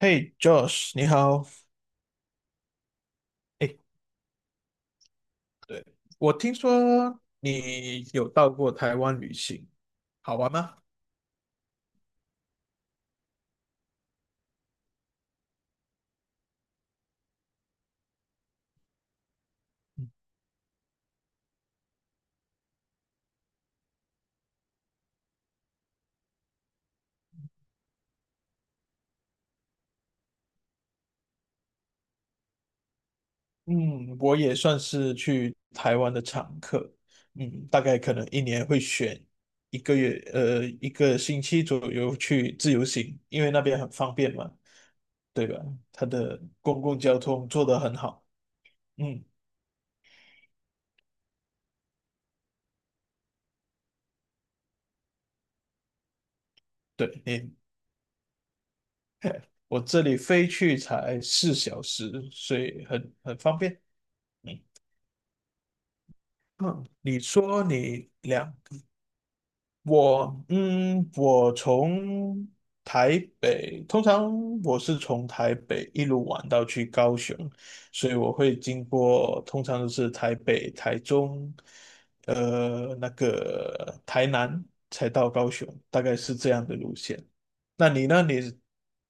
嘿，Josh，你好。哎，对，我听说你有到过台湾旅行，好玩吗？嗯，我也算是去台湾的常客。嗯，大概可能一年会选一个月，一个星期左右去自由行，因为那边很方便嘛，对吧？它的公共交通做得很好。嗯，对，我这里飞去才四小时，所以很方便。嗯嗯，你说你两我从台北，通常我是从台北一路玩到去高雄，所以我会经过，通常都是台北、台中，那个台南才到高雄，大概是这样的路线。那你那你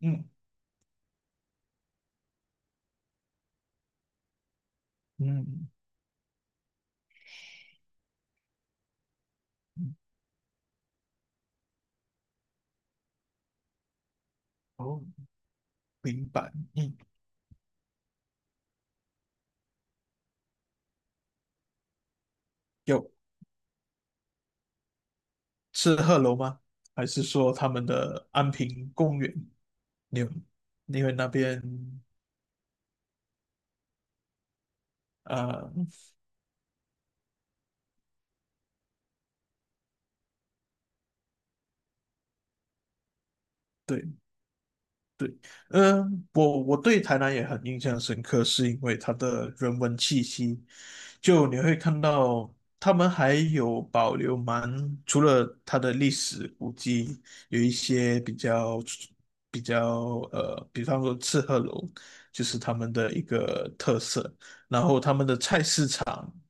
嗯嗯嗯，哦，明白，嗯，有。是鹤楼吗？还是说他们的安平公园？你有你会那边啊、呃对对，嗯、我对台南也很印象深刻，是因为它的人文气息，就你会看到他们还有保留蛮，除了它的历史古迹，有一些比较比方说赤鹤楼，就是他们的一个特色。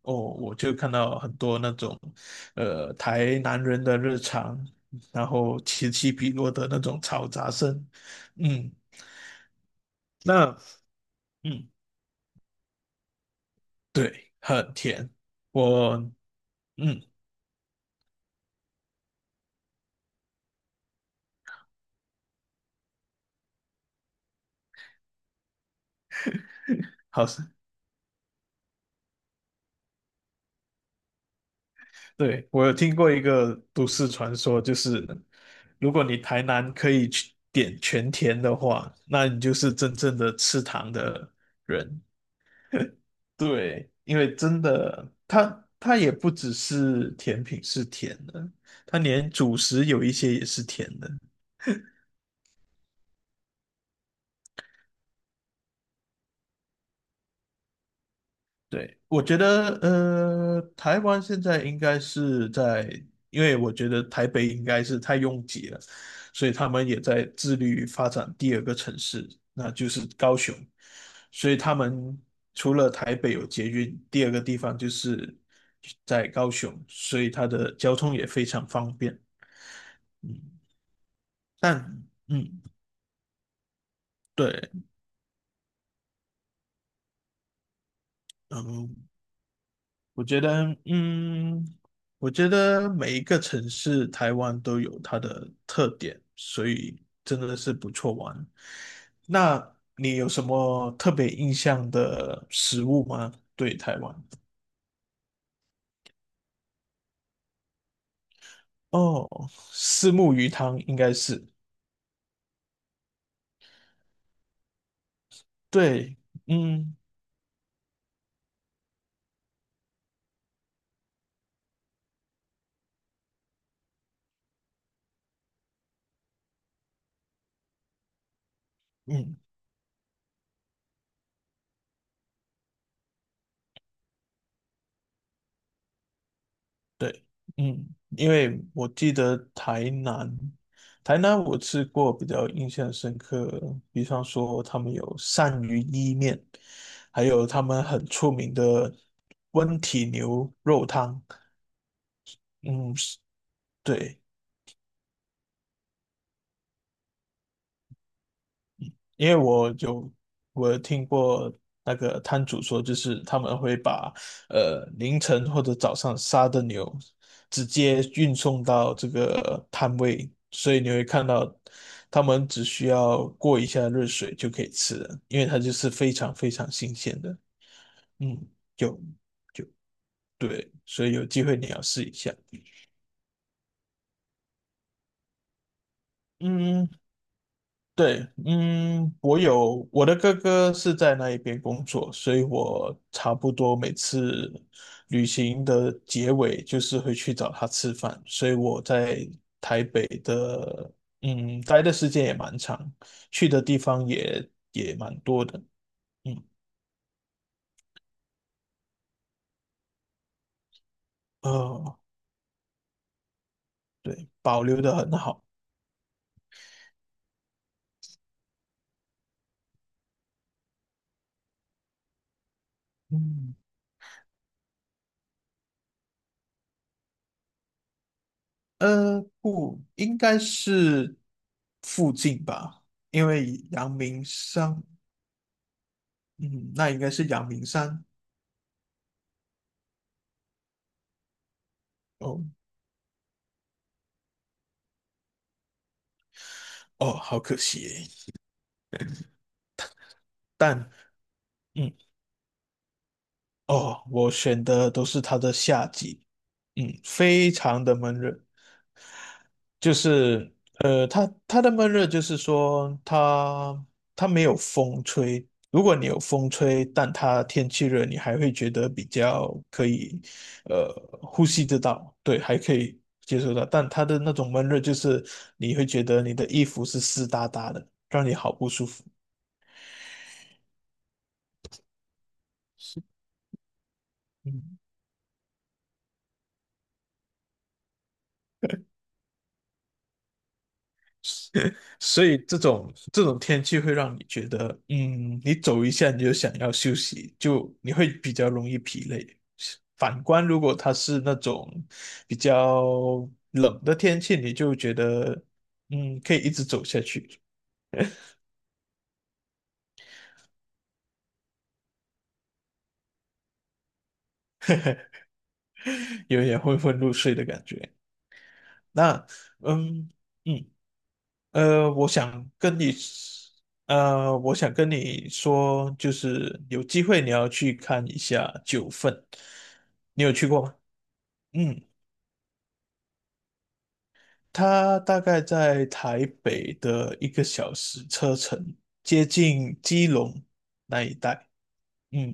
哦，我就看到很多那种，台南人的日常，然后此起彼落的那种嘈杂声。嗯，那，嗯，对，很甜，我，嗯，好像，对，我有听过一个都市传说，就是如果你台南可以去点全甜的话，那你就是真正的吃糖的人。对，因为真的，它也不只是甜品是甜的，它连主食有一些也是甜的。对，我觉得，台湾现在应该是在，因为我觉得台北应该是太拥挤了，所以他们也在致力于发展第二个城市，那就是高雄。所以他们除了台北有捷运，第二个地方就是在高雄，所以它的交通也非常方便。嗯但嗯，对，嗯，我觉得，嗯，我觉得每一个城市，台湾都有它的特点，所以真的是不错玩。那你有什么特别印象的食物吗？对台湾？哦，虱目鱼汤应该是。对，嗯嗯，对，嗯，因为我记得台南，台南我吃过比较印象深刻，比方说他们有鳝鱼意面，还有他们很出名的温体牛肉汤。嗯，对，因为我有听过那个摊主说，就是他们会把凌晨或者早上杀的牛直接运送到这个摊位，所以你会看到他们只需要过一下热水就可以吃了，因为它就是非常非常新鲜的。嗯，有，对，所以有机会你要试一下。嗯，对，嗯，我的哥哥是在那一边工作，所以我差不多每次旅行的结尾就是会去找他吃饭，所以我在台北的，嗯，待的时间也蛮长，去的地方也蛮多的。嗯，呃，对，保留的很好。嗯，不，应该是附近吧，因为阳明山，嗯，那应该是阳明山。哦哦，好可惜耶。但嗯，哦，我选的都是它的夏季。嗯，非常的闷热，就是它的闷热就是说它没有风吹，如果你有风吹，但它天气热，你还会觉得比较可以呃呼吸得到，对，还可以接受到，但它的那种闷热就是你会觉得你的衣服是湿哒哒的，让你好不舒服。是。嗯。所以这种天气会让你觉得，嗯，你走一下你就想要休息，就你会比较容易疲累。反观如果它是那种比较冷的天气，你就觉得，嗯，可以一直走下去。有点昏昏入睡的感觉。那，嗯嗯。呃，我想跟你，我想跟你说，就是有机会你要去看一下《九份》，你有去过吗？嗯，它大概在台北的一个小时车程，接近基隆那一带。嗯。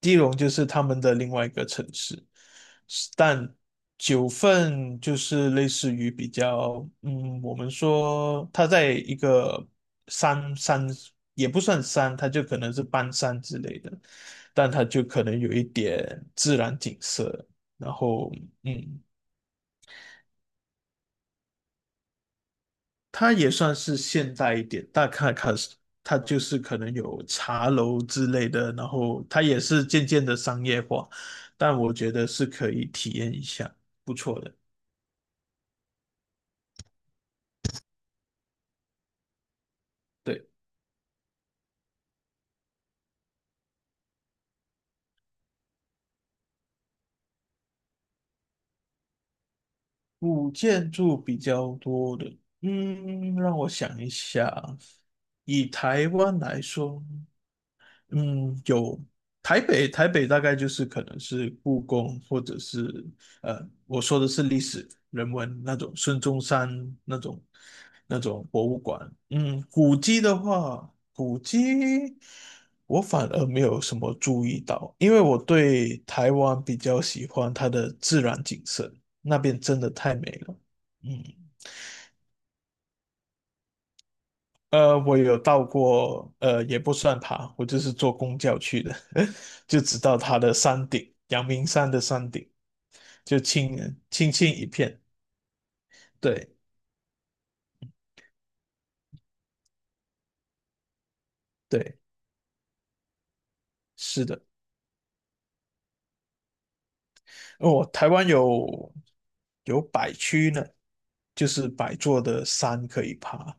基隆就是他们的另外一个城市，但九份就是类似于比较，嗯，我们说它在一个山，也不算山，它就可能是半山之类的，但它就可能有一点自然景色，然后嗯。它也算是现代一点，大卡卡斯，它就是可能有茶楼之类的，然后它也是渐渐的商业化，但我觉得是可以体验一下，不错的。对，古建筑比较多的，嗯，让我想一下啊，以台湾来说。嗯，有台北，台北大概就是可能是故宫，或者是呃，我说的是历史人文那种孙中山那种那种博物馆。嗯，古迹的话，古迹我反而没有什么注意到，因为我对台湾比较喜欢它的自然景色，那边真的太美了。嗯。我有到过，也不算爬，我就是坐公交去的，就直到它的山顶，阳明山的山顶，就青青一片。对对，是的。哦，台湾有有百区呢，就是百座的山可以爬。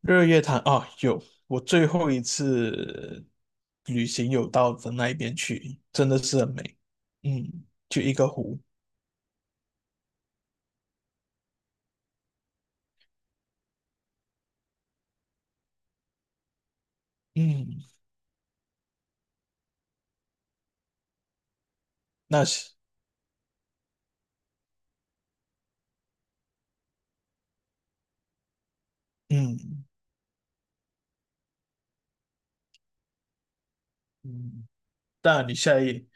日月潭啊，有，我最后一次旅行有到的那一边去，真的是很美。嗯，就一个湖。嗯，那是嗯。嗯，当然你下一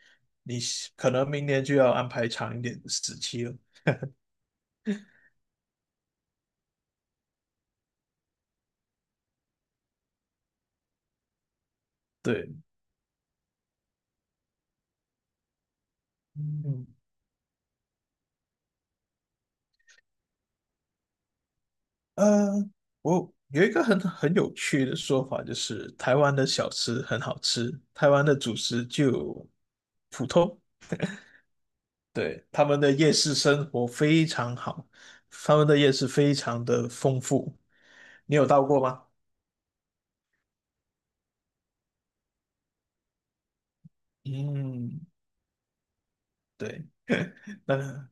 你可能明年就要安排长一点的时期了。对，嗯，呃，我有一个很有趣的说法，就是台湾的小吃很好吃，台湾的主食就普通。对，他们的夜市生活非常好，他们的夜市非常的丰富。你有到过吗？嗯，对，那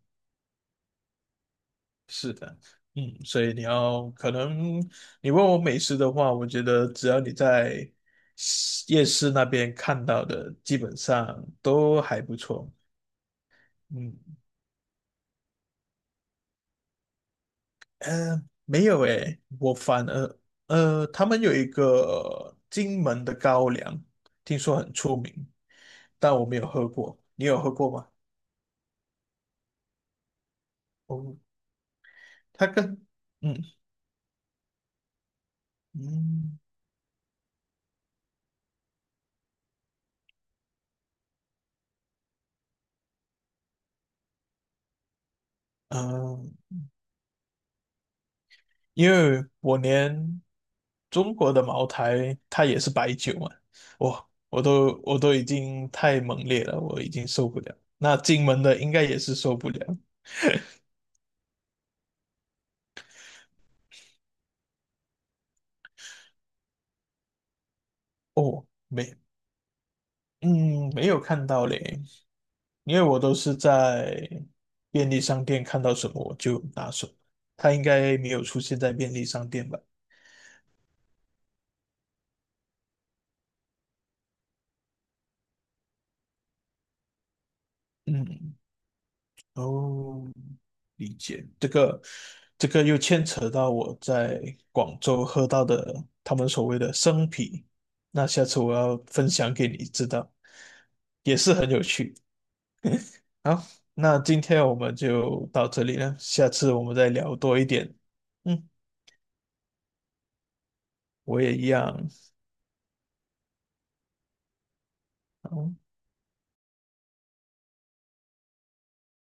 是的。嗯，所以你要可能你问我美食的话，我觉得只要你在市夜市那边看到的，基本上都还不错。嗯，没有诶，我反而他们有一个金门的高粱，听说很出名，但我没有喝过。你有喝过吗？哦，它跟嗯嗯。嗯，呃因为我连中国的茅台它也是白酒嘛，我都已经太猛烈了，我已经受不了。那金门的应该也是受不了。哦，没，嗯，没有看到嘞，因为我都是在便利商店看到什么我就拿什么，它应该没有出现在便利商店吧？嗯，哦，理解。这个，这个又牵扯到我在广州喝到的他们所谓的生啤，那下次我要分享给你知道，也是很有趣。好，那今天我们就到这里了，下次我们再聊多一点。嗯，我也一样。好